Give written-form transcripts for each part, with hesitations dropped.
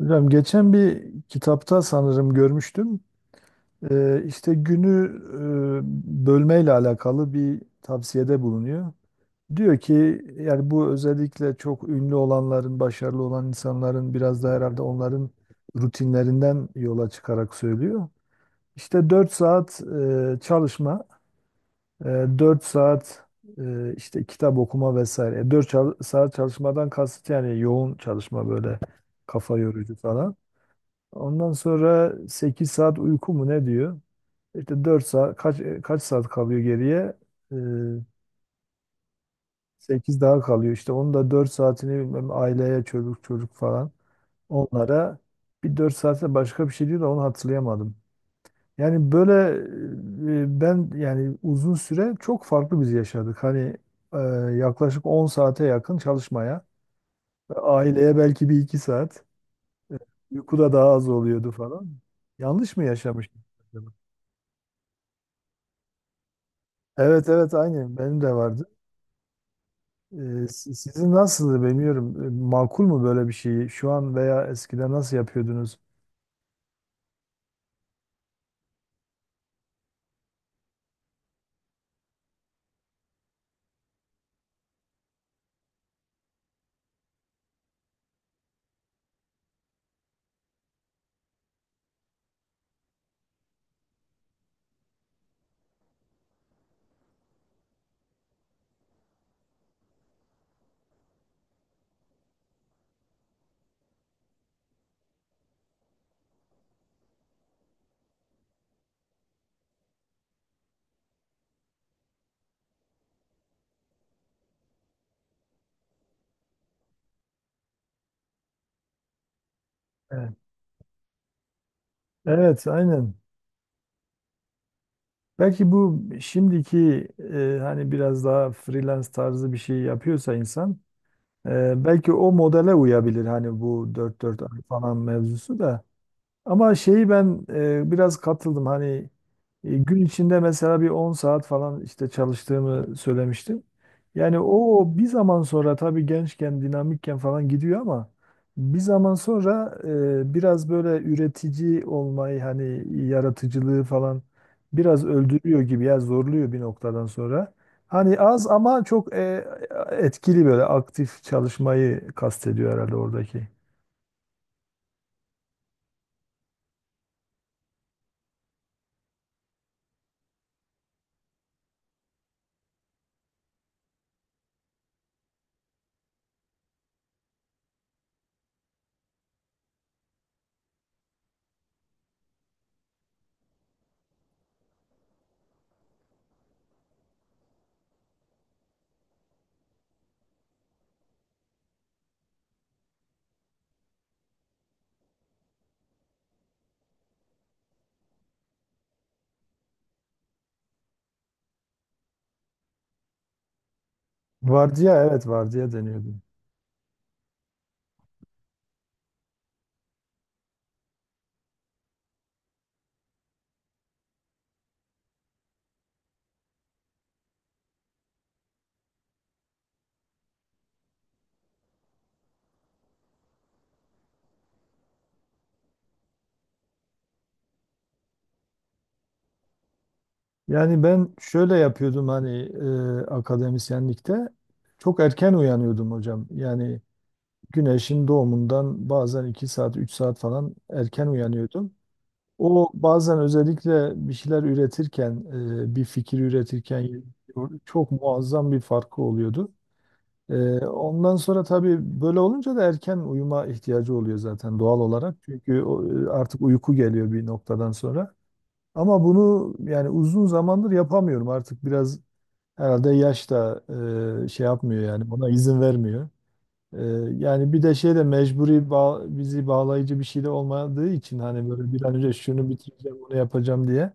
Hocam geçen bir kitapta sanırım görmüştüm. İşte günü bölmeyle alakalı bir tavsiyede bulunuyor. Diyor ki yani bu özellikle çok ünlü olanların, başarılı olan insanların biraz da herhalde onların rutinlerinden yola çıkarak söylüyor. İşte 4 saat çalışma, e, 4 saat işte kitap okuma vesaire. 4 saat çalışmadan kasıt yani yoğun çalışma, böyle kafa yorucu falan. Ondan sonra 8 saat uyku mu ne diyor? İşte 4 saat, kaç saat kalıyor geriye? Ee, 8 daha kalıyor işte. Onun da 4 saatini bilmem aileye, çocuk çocuk falan onlara, bir 4 saatte başka bir şey diyor da onu hatırlayamadım. Yani böyle, ben yani uzun süre çok farklı biz yaşadık. Hani e, yaklaşık 10 saate yakın çalışmaya, aileye belki bir 2 saat, e, uyku da daha az oluyordu falan. Yanlış mı yaşamıştım? Acaba? Evet evet, aynı benim de vardı. Sizin nasıldı bilmiyorum. Makul mu böyle bir şeyi? Şu an veya eskiden nasıl yapıyordunuz? Evet. Evet, aynen. Belki bu şimdiki, hani biraz daha freelance tarzı bir şey yapıyorsa insan, belki o modele uyabilir, hani bu dört ay falan mevzusu da. Ama şeyi ben biraz katıldım, hani gün içinde mesela bir 10 saat falan işte çalıştığımı söylemiştim. Yani o, bir zaman sonra tabii gençken, dinamikken falan gidiyor ama bir zaman sonra biraz böyle üretici olmayı, hani yaratıcılığı falan biraz öldürüyor gibi, ya zorluyor bir noktadan sonra. Hani az ama çok etkili, böyle aktif çalışmayı kastediyor herhalde oradaki. Vardiya, evet, vardiya deniyordu. Yani ben şöyle yapıyordum, hani akademisyenlikte çok erken uyanıyordum hocam. Yani güneşin doğumundan bazen 2 saat, 3 saat falan erken uyanıyordum. O, bazen özellikle bir şeyler üretirken, bir fikir üretirken çok muazzam bir farkı oluyordu. E, Ondan sonra tabii böyle olunca da erken uyuma ihtiyacı oluyor zaten, doğal olarak. Çünkü o, artık uyku geliyor bir noktadan sonra. Ama bunu yani uzun zamandır yapamıyorum. Artık biraz, herhalde yaş da şey yapmıyor, yani ona izin vermiyor. E, Yani bir de şey de, mecburi bizi bağlayıcı bir şey de olmadığı için, hani böyle bir an önce şunu bitireceğim, onu yapacağım diye.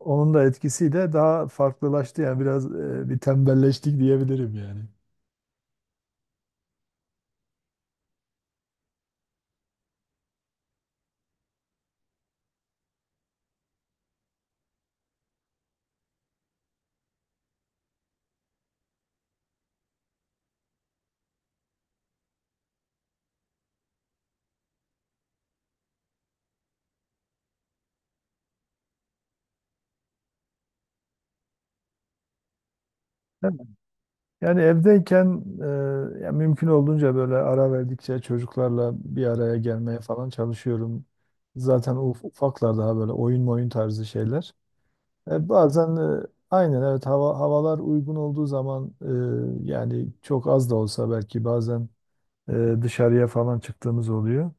Onun da etkisiyle daha farklılaştı, yani biraz bir tembelleştik diyebilirim yani. Yani evdeyken ya mümkün olduğunca böyle ara verdikçe çocuklarla bir araya gelmeye falan çalışıyorum. Zaten ufaklar daha böyle oyun oyun tarzı şeyler. Bazen aynen, evet, havalar uygun olduğu zaman, yani çok az da olsa, belki bazen dışarıya falan çıktığımız oluyor.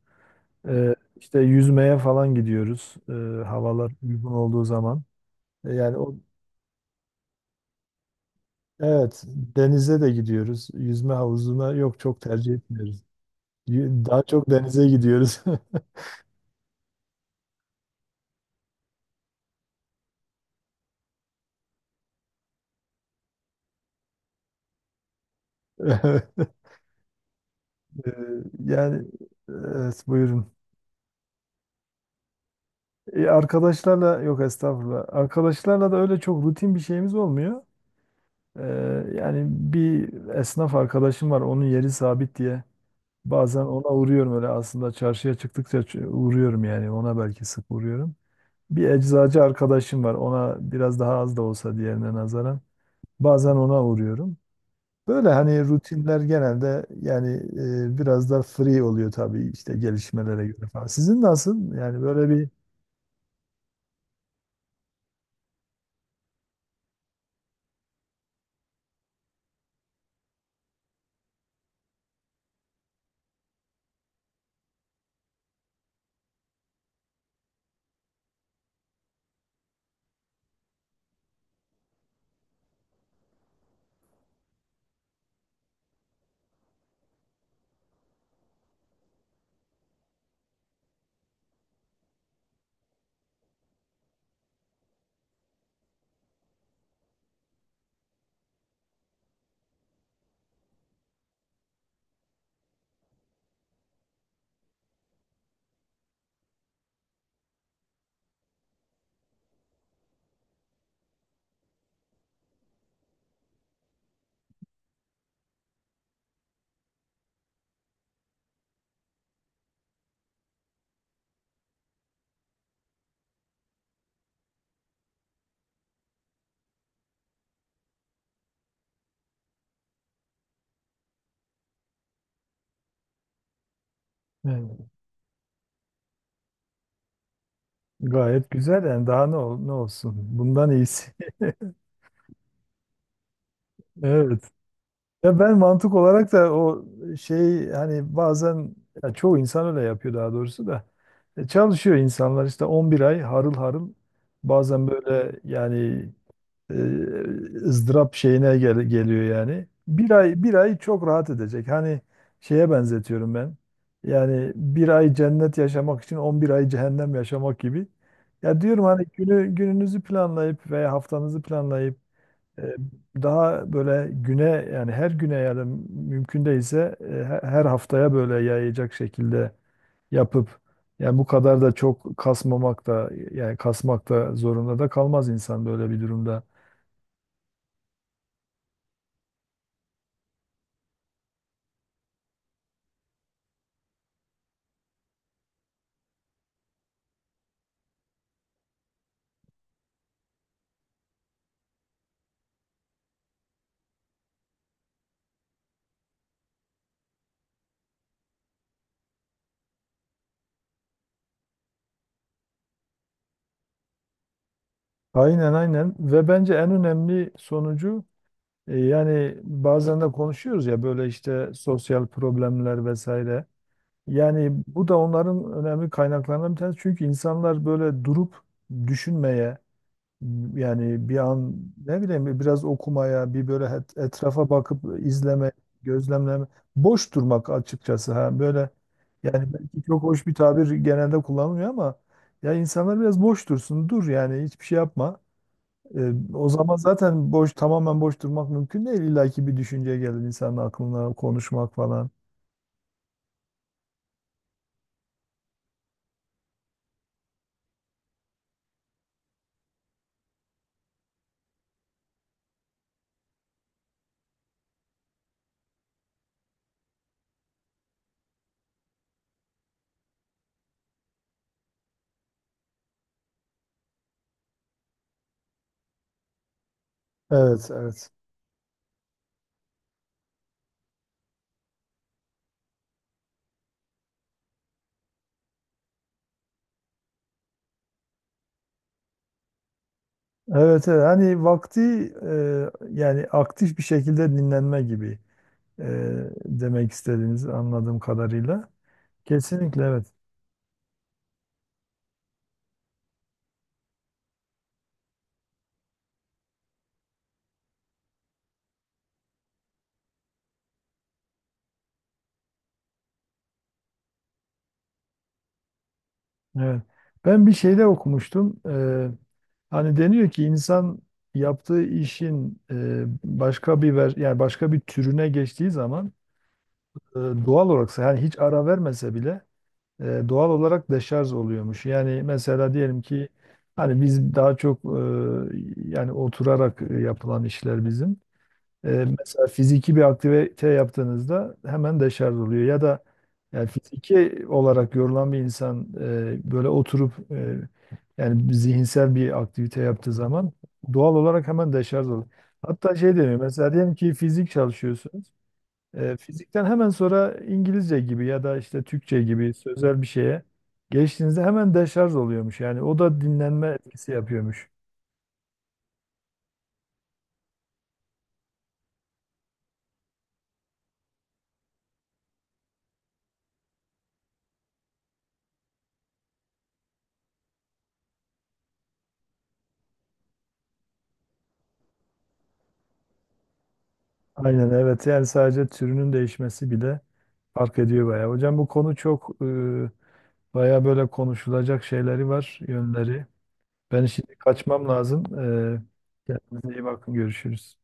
İşte yüzmeye falan gidiyoruz havalar uygun olduğu zaman. Yani o, evet, denize de gidiyoruz. Yüzme havuzuna, yok, çok tercih etmiyoruz. Daha çok denize gidiyoruz. Evet. Ee, Yani, evet, buyurun. Arkadaşlarla, yok, estağfurullah. Arkadaşlarla da öyle çok rutin bir şeyimiz olmuyor. Ee, Yani, bir esnaf arkadaşım var, onun yeri sabit diye. Bazen ona uğruyorum, öyle aslında çarşıya çıktıkça uğruyorum, yani ona belki sık uğruyorum. Bir eczacı arkadaşım var. Ona biraz daha az da olsa, diğerine nazaran. Bazen ona uğruyorum. Böyle hani rutinler genelde yani biraz da free oluyor tabii, işte gelişmelere göre falan. Sizin nasıl? Yani böyle bir, e, gayet güzel yani, daha ne olsun? Bundan iyisi. Evet. Ya ben mantık olarak da o şey, hani bazen, ya çoğu insan öyle yapıyor daha doğrusu da. Çalışıyor insanlar işte 11 ay harıl harıl, bazen böyle yani e, ızdırap şeyine geliyor yani. Bir ay, bir ay çok rahat edecek. Hani şeye benzetiyorum ben. Yani bir ay cennet yaşamak için 11 ay cehennem yaşamak gibi. Ya diyorum, hani gününüzü planlayıp veya haftanızı planlayıp, e, daha böyle güne, yani her güne ya da mümkün değilse her haftaya böyle yayacak şekilde yapıp, yani bu kadar da çok kasmamak da, yani kasmak da zorunda da kalmaz insan böyle bir durumda. Aynen, aynen, ve bence en önemli sonucu yani bazen de konuşuyoruz ya, böyle işte sosyal problemler vesaire. Yani bu da onların önemli kaynaklarından bir tanesi. Çünkü insanlar böyle durup düşünmeye, yani bir an ne bileyim biraz okumaya, bir böyle etrafa bakıp izleme, gözlemleme, boş durmak açıkçası, ha böyle, yani belki çok hoş bir tabir genelde kullanılmıyor ama, ya insanlar biraz boş dursun, dur yani, hiçbir şey yapma. O zaman zaten boş, tamamen boş durmak mümkün değil. İlla ki bir düşünce gelir insanın aklına, konuşmak falan. Evet, evet. Evet, evet. Hani vakti, yani aktif bir şekilde dinlenme gibi e, demek istediğiniz, anladığım kadarıyla. Kesinlikle, evet. Evet. Ben bir şeyde okumuştum. Hani deniyor ki insan, yaptığı işin başka bir yani başka bir türüne geçtiği zaman doğal olarak, yani hiç ara vermese bile doğal olarak deşarj oluyormuş. Yani mesela diyelim ki, hani biz daha çok yani oturarak yapılan işler bizim. E, Mesela fiziki bir aktivite yaptığınızda hemen deşarj oluyor. Ya da yani, fiziki olarak yorulan bir insan böyle oturup yani zihinsel bir aktivite yaptığı zaman doğal olarak hemen deşarj oluyor. Hatta şey deniyor, mesela diyelim ki fizik çalışıyorsunuz. Fizikten hemen sonra İngilizce gibi ya da işte Türkçe gibi sözel bir şeye geçtiğinizde hemen deşarj oluyormuş. Yani o da dinlenme etkisi yapıyormuş. Aynen, evet, yani sadece türünün değişmesi bile fark ediyor bayağı. Hocam, bu konu çok bayağı böyle konuşulacak şeyleri var, yönleri. Ben şimdi kaçmam lazım. E, Kendinize iyi bakın, görüşürüz.